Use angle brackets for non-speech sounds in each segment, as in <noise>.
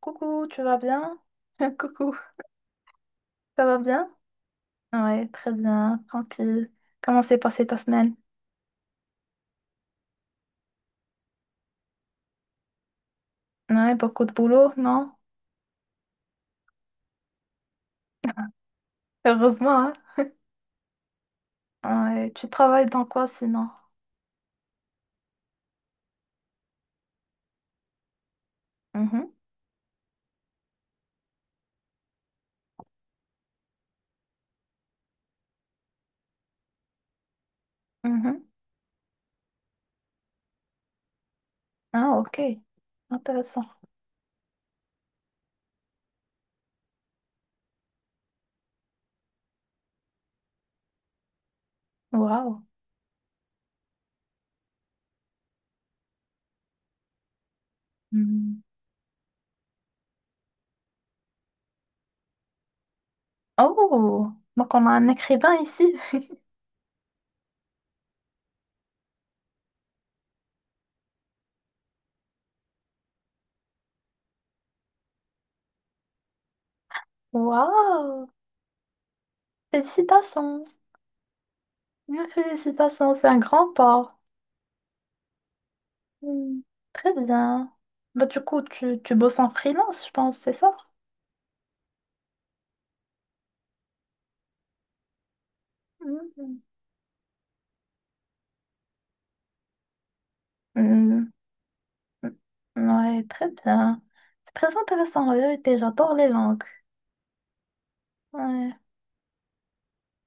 Coucou, tu vas bien? <laughs> Coucou, ça va bien? Ouais, très bien, tranquille. Comment s'est passée ta semaine? Ouais, beaucoup de boulot, non? <laughs> Heureusement, hein? Ouais, tu travailles dans quoi sinon? Mhm, mhm. Ah, ok. Intéressant. Waouh. Hmm. Oh, donc on a un écrivain ici. <laughs> Waouh. Félicitations. Mille Félicitations, c'est un grand pas. Hmm. Très bien. Bah, du coup, tu bosses en freelance, je pense, c'est ça? Hmm, hmm. Hmm, ouais, très bien. C'est très intéressant, en vérité. J'adore les langues. Ouais.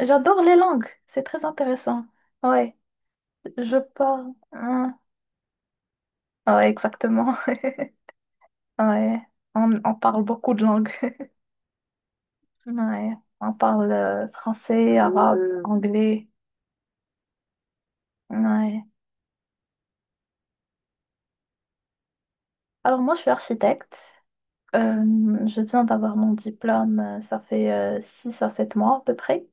J'adore les langues. C'est très intéressant. Ouais, je parle. Hein. Ouais, exactement. <laughs> Ouais, on parle beaucoup de langues. <laughs> Ouais, on parle français, arabe, anglais. Ouais. Alors, moi, je suis architecte. Euh, je viens d'avoir mon diplôme. Ça fait 6 à 7 mois à peu près.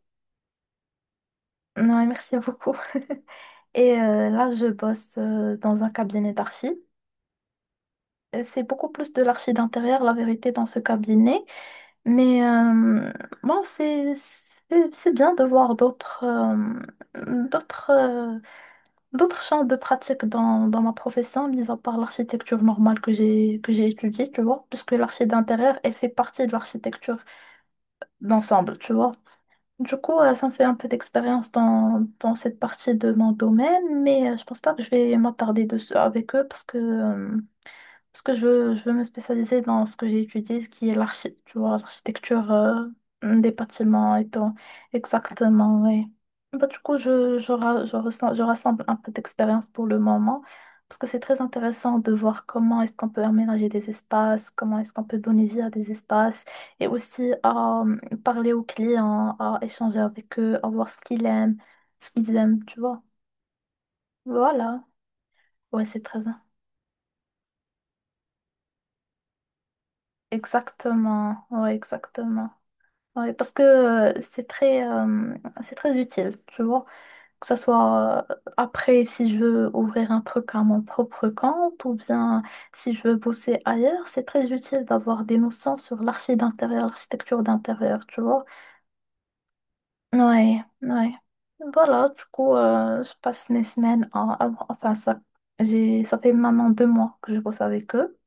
Ouais, merci beaucoup. <laughs> Et là, je bosse dans un cabinet d'archi. C'est beaucoup plus de l'archi d'intérieur, la vérité, dans ce cabinet. Mais bon, c'est bien de voir d'autres euh, d'autres champs de pratique dans, dans ma profession, mis à part l'architecture normale que j'ai étudiée, tu vois, puisque l'archi d'intérieur, elle fait partie de l'architecture d'ensemble, tu vois. Du coup, ça me fait un peu d'expérience dans, dans cette partie de mon domaine, mais je pense pas que je vais m'attarder dessus avec eux parce que je veux me spécialiser dans ce que j'ai étudié, ce qui est tu vois, l'architecture des bâtiments et tout. Exactement, oui. Bah, du coup, je, ra- je, ressens- je rassemble un peu d'expérience pour le moment, parce que c'est très intéressant de voir comment est-ce qu'on peut aménager des espaces, comment est-ce qu'on peut donner vie à des espaces, et aussi à parler aux clients, à échanger avec eux, à voir ce qu'ils aiment, tu vois. Voilà, ouais, Exactement, ouais, exactement. Ouais, parce que c'est très utile, tu vois. Que ce soit après, si je veux ouvrir un truc à mon propre compte ou bien si je veux bosser ailleurs, c'est très utile d'avoir des notions sur l'archi d'intérieur, l'architecture d'intérieur, tu vois. Ouais, ouais. Voilà, du coup, je passe mes semaines enfin, ça fait maintenant 2 mois que je bosse avec eux.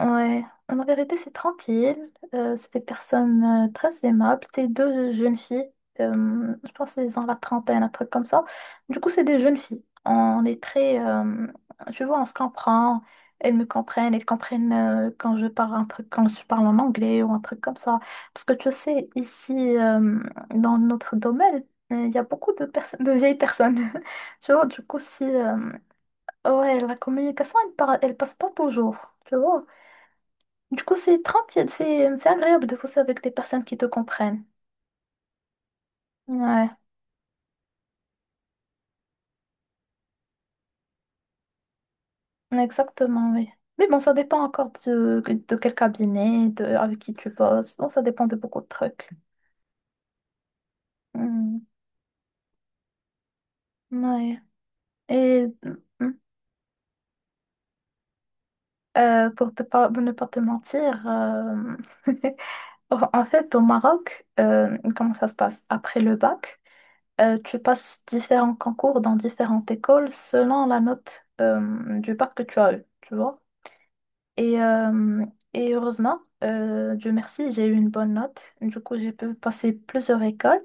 Ouais, en vérité, c'est tranquille. C'est des personnes très aimables. C'est deux jeunes filles. Je pense qu'elles ont la trentaine, un truc comme ça. Du coup, c'est des jeunes filles. On est très. Tu vois, on se comprend. Elles me comprennent. Elles comprennent quand je parle un truc, quand je parle en anglais ou un truc comme ça. Parce que tu sais, ici, dans notre domaine, il y a beaucoup de personnes, de vieilles personnes. <laughs> Tu vois, du coup, si. Ouais, la communication, elle, par- elle passe pas toujours. Tu vois. Du coup, c'est tranquille, c'est agréable de bosser avec des personnes qui te comprennent. Ouais, exactement, oui. Mais bon, ça dépend encore de quel cabinet, de, avec qui tu bosses. Bon, ça dépend de beaucoup de trucs. Hmm, ouais. Et hmm, pour, pour ne pas te mentir, <laughs> en fait, au Maroc, comment ça se passe? Après le bac, tu passes différents concours dans différentes écoles selon la note du bac que tu as eu, tu vois? Et, et heureusement, Dieu merci, j'ai eu une bonne note. Du coup, j'ai pu passer plusieurs écoles.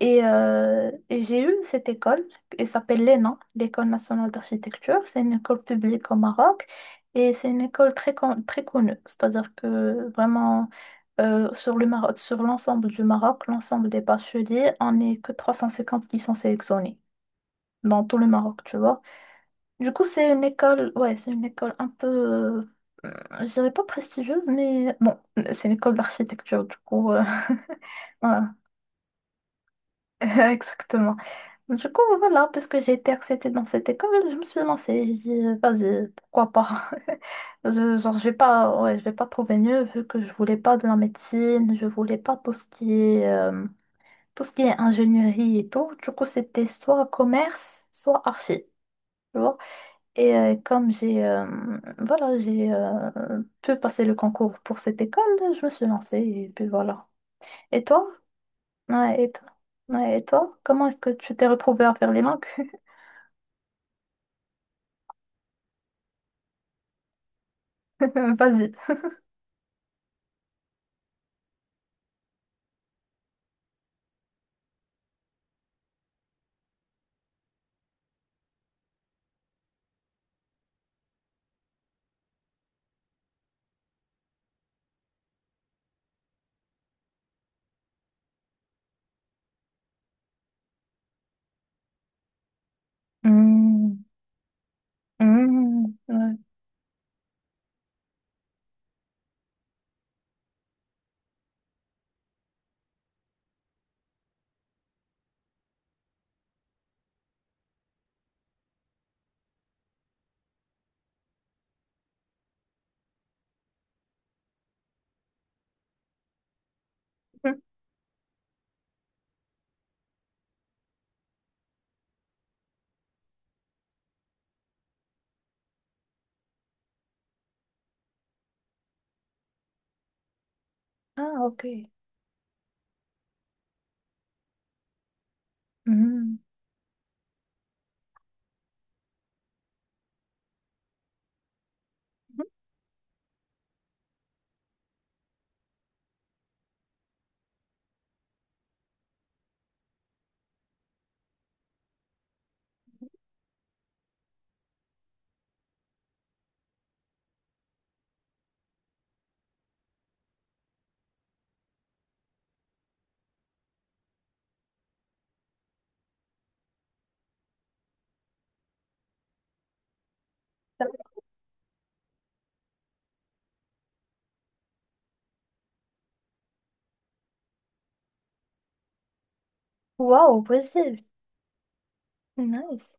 Et, et j'ai eu cette école, elle s'appelle l'ENA, l'École nationale d'architecture. C'est une école publique au Maroc et c'est une école très connue. C'est-à-dire que vraiment, sur le Maroc, sur l'ensemble du Maroc, l'ensemble des bacheliers, on n'est que 350 qui sont sélectionnés dans tout le Maroc, tu vois. Du coup, c'est une école un peu je dirais pas prestigieuse, mais bon, c'est une école d'architecture, du coup, <laughs> voilà, <laughs> exactement. Du coup, voilà, puisque j'ai été acceptée dans cette école, je me suis lancée. J'ai dit, vas-y, pourquoi pas? <laughs> Je, genre, je vais pas, ouais, je vais pas trouver mieux, vu que je voulais pas de la médecine, je voulais pas tout ce qui est ingénierie et tout. Du coup, c'était soit commerce, soit archi. Et comme j'ai voilà, j'ai pu passer le concours pour cette école, je me suis lancée et puis voilà. Et toi? Ouais, et toi? Ouais, et toi? Comment est-ce que tu t'es retrouvée à faire les langues? <laughs> Vas-y. Hmm, hmm, ouais. Hmm. Ah, ok. Hmm. Wow, y nice.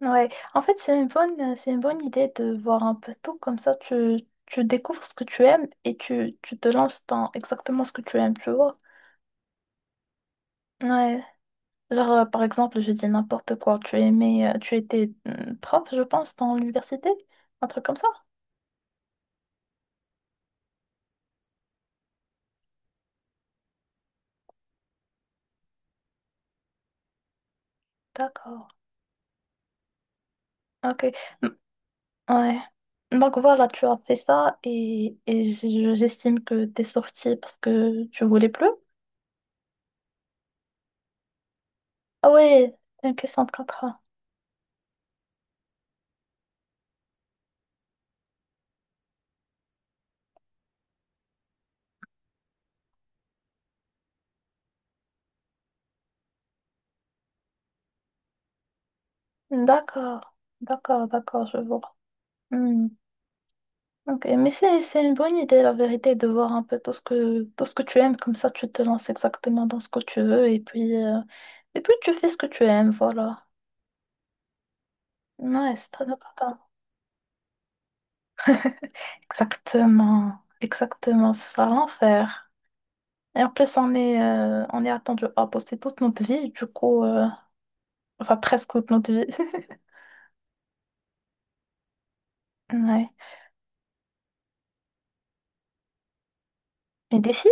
Ouais. En fait, c'est une bonne idée de voir un peu tout. Comme ça, tu découvres ce que tu aimes et tu te lances dans exactement ce que tu aimes, tu vois. Ouais. Genre, par exemple, je dis n'importe quoi. Tu étais prof, je pense, dans l'université? Un truc comme ça? D'accord. Ok. M- Ouais. Donc voilà, tu as fait ça et, j'estime que t'es sortie parce que tu voulais plus. Ah ouais, c'est une question de contrat. D'accord. D'accord, d'accord, je vois. Hmm. Ok, mais c'est une bonne idée, la vérité, de voir un peu tout ce que tu aimes, comme ça tu te lances exactement dans ce que tu veux et puis tu fais ce que tu aimes, voilà. Ouais, c'est très important. <laughs> Exactement, exactement, c'est ça l'enfer. Et en plus on est attendu à bosser toute notre vie, enfin presque toute notre vie. <laughs> Ouais. Les défis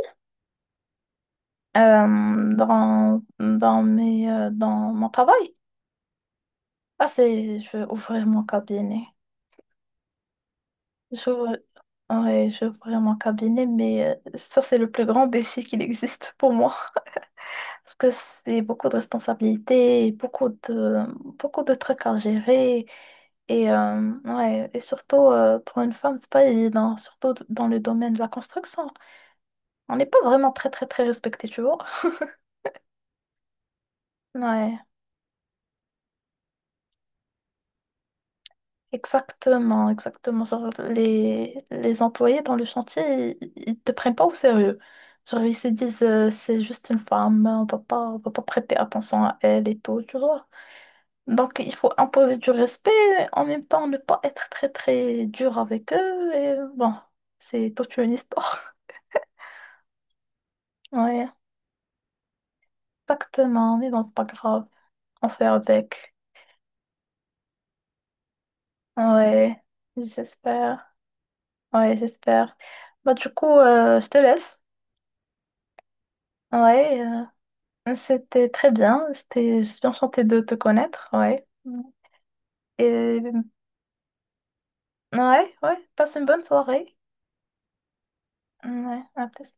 dans mes dans mon travail. Ah c'est je vais ouvrir mon cabinet. J'ouvre, ouais, j'ouvrirai mon cabinet, mais ça, c'est le plus grand défi qu'il existe pour moi. <laughs> Parce que c'est beaucoup de responsabilités, beaucoup de trucs à gérer. Et, ouais, et surtout, pour une femme, c'est pas évident, surtout dans le domaine de la construction. On n'est pas vraiment très respecté, tu vois. Ouais. Exactement, exactement. Genre, les employés dans le chantier, ils te prennent pas au sérieux. Genre, ils se disent, c'est juste une femme, on va pas prêter attention à elle et tout, tu vois. Donc, il faut imposer du respect, en même temps, ne pas être très dur avec eux. Et bon, c'est toute une histoire. <laughs> Ouais, exactement. Mais bon, c'est pas grave. On fait avec. Ouais, j'espère. Ouais, j'espère. Bah, du coup, je te laisse. Ouais. C'était très bien, c'était, je suis bien enchantée de te connaître, ouais. Et ouais, ouais, passe une bonne soirée. Ouais, à plus.